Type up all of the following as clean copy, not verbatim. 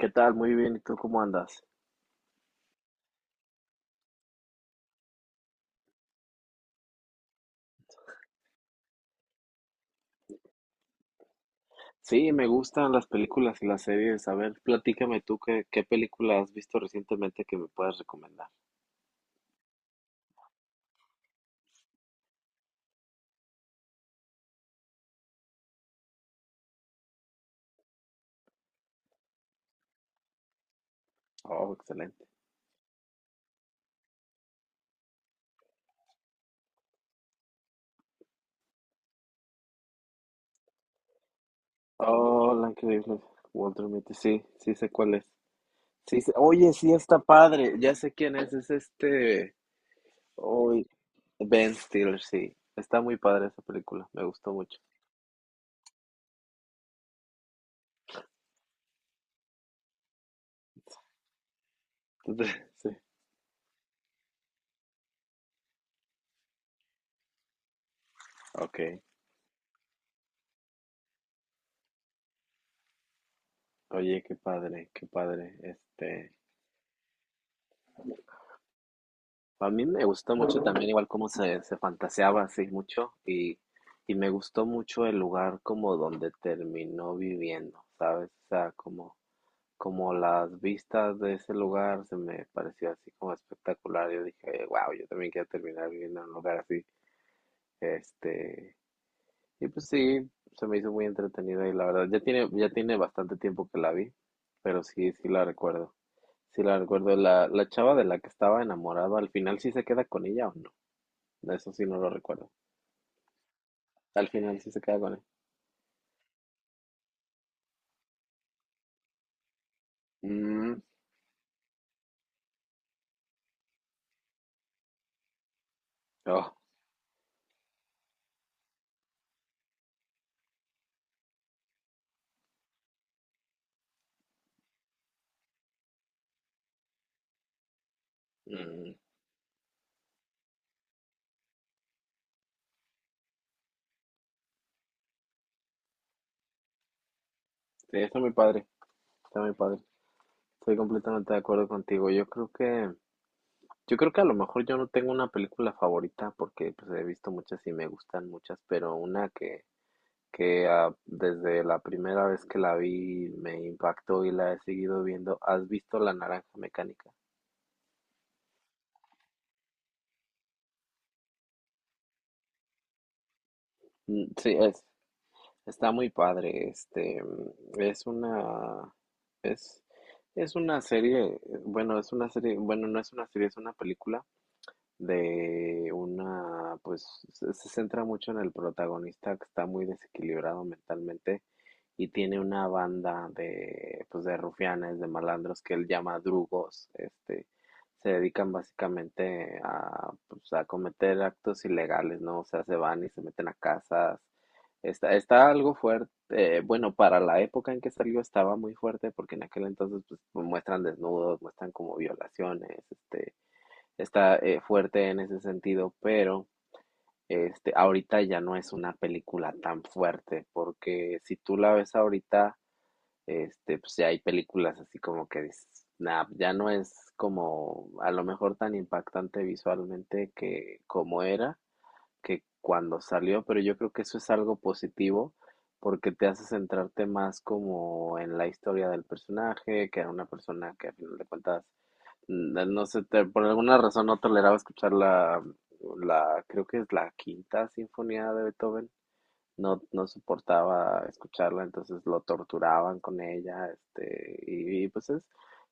¿Qué tal? Muy bien. ¿Y tú cómo andas? Sí, me gustan las películas y las series. A ver, platícame tú qué película has visto recientemente que me puedas recomendar. Oh, excelente. Oh, la increíble. Walter Mitty. Sí, sí sé cuál es. Oye, sí está padre. Ya sé quién es. Es este. Hoy. Ben Stiller, sí. Está muy padre esa película. Me gustó mucho. Sí. Ok. Oye, qué padre, qué padre. A mí me gustó mucho también igual cómo se fantaseaba así mucho y me gustó mucho el lugar como donde terminó viviendo, ¿sabes? O sea, como, como las vistas de ese lugar se me pareció así como espectacular. Yo dije, wow, yo también quiero terminar viviendo en un lugar así. Este, y pues sí, se me hizo muy entretenida y la verdad, ya tiene bastante tiempo que la vi, pero sí, sí la recuerdo. Sí la recuerdo. La chava de la que estaba enamorado, al final sí se queda con ella o no. Eso sí no lo recuerdo. Al final sí se queda con él. Mm, oh, mm. Sí, está muy padre, está muy padre. Estoy completamente de acuerdo contigo. Yo creo que a lo mejor yo no tengo una película favorita porque pues he visto muchas y me gustan muchas, pero una que ah, desde la primera vez que la vi me impactó y la he seguido viendo. ¿Has visto La Naranja Mecánica? Sí, está muy padre, es una, es, es una serie, es una serie, bueno, no es una serie, es una película de una, pues se centra mucho en el protagonista que está muy desequilibrado mentalmente y tiene una banda de, pues de rufianes, de malandros que él llama drugos, se dedican básicamente a, pues, a cometer actos ilegales, ¿no? O sea, se van y se meten a casas. Está algo fuerte, bueno, para la época en que salió estaba muy fuerte porque en aquel entonces pues muestran desnudos, muestran como violaciones, está fuerte en ese sentido, pero ahorita ya no es una película tan fuerte, porque si tú la ves ahorita, este, pues ya hay películas así como que dices, nah, ya no es como a lo mejor tan impactante visualmente que como era, que cuando salió, pero yo creo que eso es algo positivo porque te hace centrarte más como en la historia del personaje, que era una persona que a final de cuentas no sé, por alguna razón no toleraba escuchar creo que es la quinta sinfonía de Beethoven. No, no soportaba escucharla, entonces lo torturaban con ella, pues es,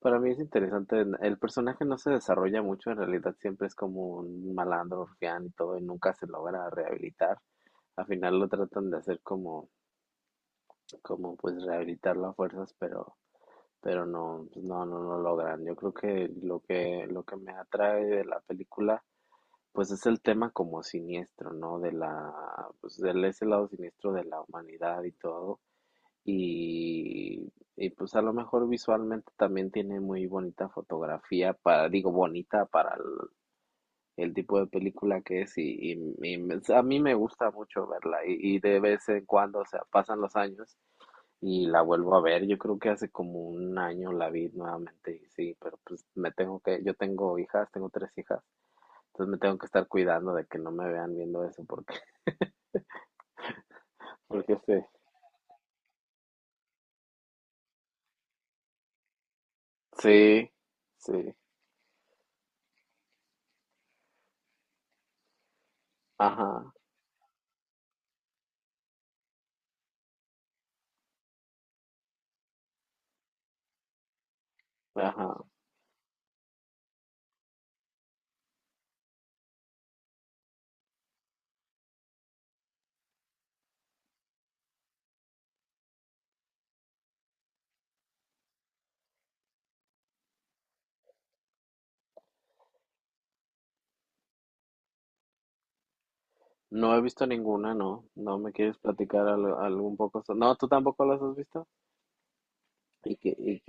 para mí es interesante. El personaje no se desarrolla mucho, en realidad siempre es como un malandro, rufián y todo, y nunca se logra rehabilitar. Al final lo tratan de hacer como, como pues rehabilitarlo a fuerzas, pero no, pues no, no logran. Yo creo que lo que me atrae de la película, pues es el tema como siniestro, ¿no? De la, pues del ese lado siniestro de la humanidad y todo. Y pues a lo mejor visualmente también tiene muy bonita fotografía para, digo, bonita para el tipo de película que es y a mí me gusta mucho verla y de vez en cuando, o sea, pasan los años y la vuelvo a ver. Yo creo que hace como un año la vi nuevamente y sí, pero pues yo tengo hijas, tengo tres hijas, entonces me tengo que estar cuidando de que no me vean viendo eso porque, porque sí, sí, sí, ajá, ajá. No he visto ninguna, no, no me quieres platicar algo, un poco. No, tú tampoco las has visto. ¿Y qué,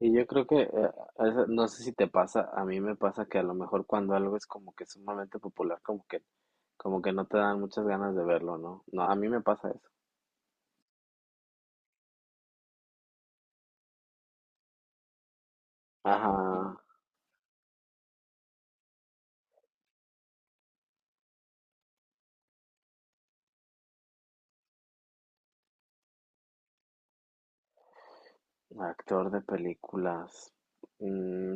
Y yo creo que, no sé si te pasa, a mí me pasa que a lo mejor cuando algo es como que sumamente popular, como que no te dan muchas ganas de verlo, ¿no? No, a mí me pasa eso. Ajá, actor de películas. Mm,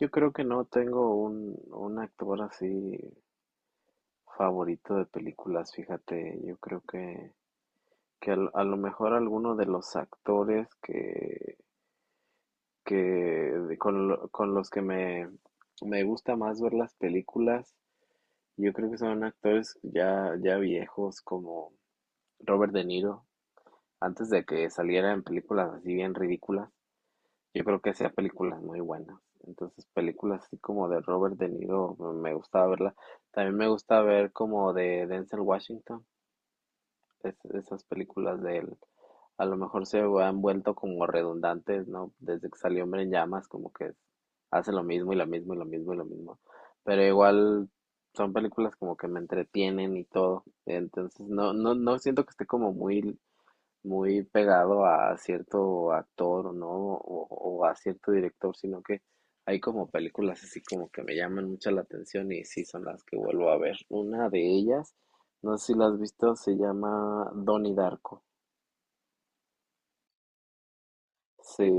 yo creo que no tengo un actor así favorito de películas, fíjate, que a lo mejor alguno de los actores que de- con, lo- con los que me gusta más ver las películas. Yo creo que son actores ya viejos como Robert De Niro, antes de que saliera en películas así bien ridículas. Yo creo que hacía películas muy buenas. Entonces, películas así como de Robert De Niro me gustaba verla. También me gusta ver como de Denzel Washington, esas películas de él a lo mejor se han vuelto como redundantes, ¿no? Desde que salió Hombre en Llamas, como que hace lo mismo y lo mismo y lo mismo y lo mismo. Pero igual son películas como que me entretienen y todo. Entonces no, no siento que esté como muy muy pegado a cierto actor, ¿no? O a cierto director, sino que hay como películas así como que me llaman mucho la atención y sí son las que vuelvo a ver. Una de ellas, no sé si la has visto, se llama Donnie Darko. Sí,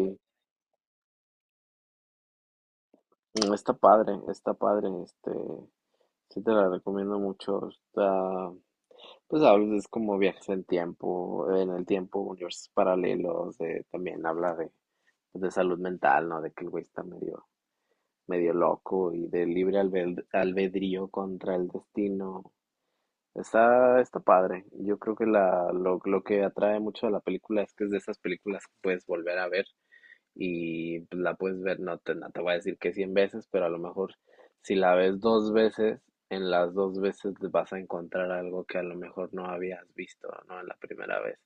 está padre, sí te la recomiendo mucho. Está, pues habla, es como viajes en tiempo, en el tiempo, universos paralelos, de, también habla de, pues, de salud mental, ¿no? De que el güey está medio medio loco y de libre albedrío contra el destino. Está, está padre. Yo creo que lo que atrae mucho a la película es que es de esas películas que puedes volver a ver y pues, la puedes ver, no te voy a decir que 100 veces, pero a lo mejor si la ves dos veces, en las dos veces vas a encontrar algo que a lo mejor no habías visto, ¿no? En la primera vez.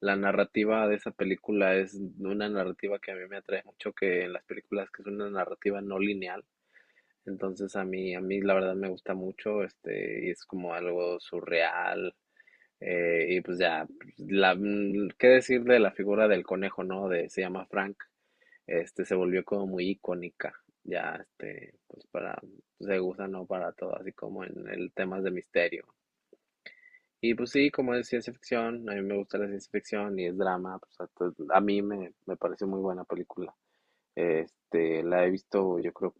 La narrativa de esa película es una narrativa que a mí me atrae mucho, que en las películas que es una narrativa no lineal, entonces a mí la verdad me gusta mucho, y es como algo surreal. Y pues ya, qué decir de la figura del conejo, ¿no? De, se llama Frank, se volvió como muy icónica, pues para, se usa, ¿no? Para todo, así como en el temas de misterio. Y pues sí, como es ciencia ficción, a mí me gusta la ciencia ficción y es drama, pues a mí me pareció muy buena película. La he visto, yo creo,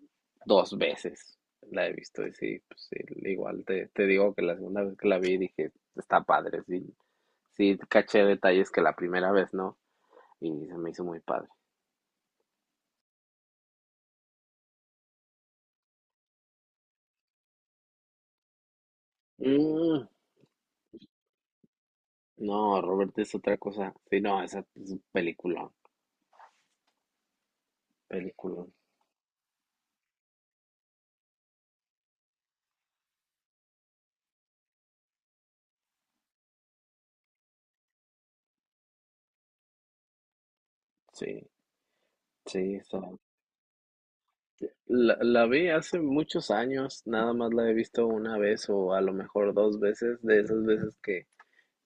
dos veces. La he visto y sí, pues sí, igual te digo que la segunda vez que la vi dije, está padre, sí, sí, caché detalles que la primera vez no, y se me hizo muy padre. Mm, no, Robert es otra cosa. Sí, no, esa es un peliculón, peliculón. Sí, sí, la vi hace muchos años, nada más la he visto una vez o a lo mejor dos veces, de esas veces que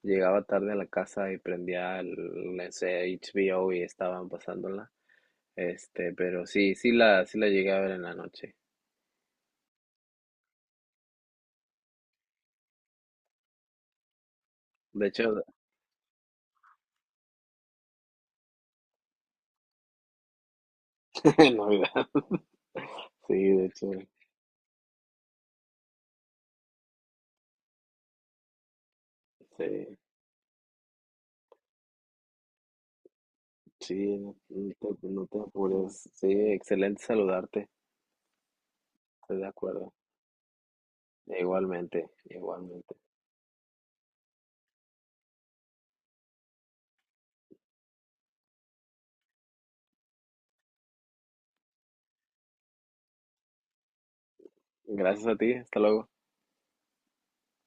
llegaba tarde a la casa y prendía el, no sé, HBO y estaban pasándola. Pero sí, sí la llegué a ver en la noche. De hecho, en Navidad. Sí, de hecho, sí, sí, no, no te apures. Sí, excelente saludarte, estoy de acuerdo. Igualmente, igualmente. Gracias a ti, hasta luego.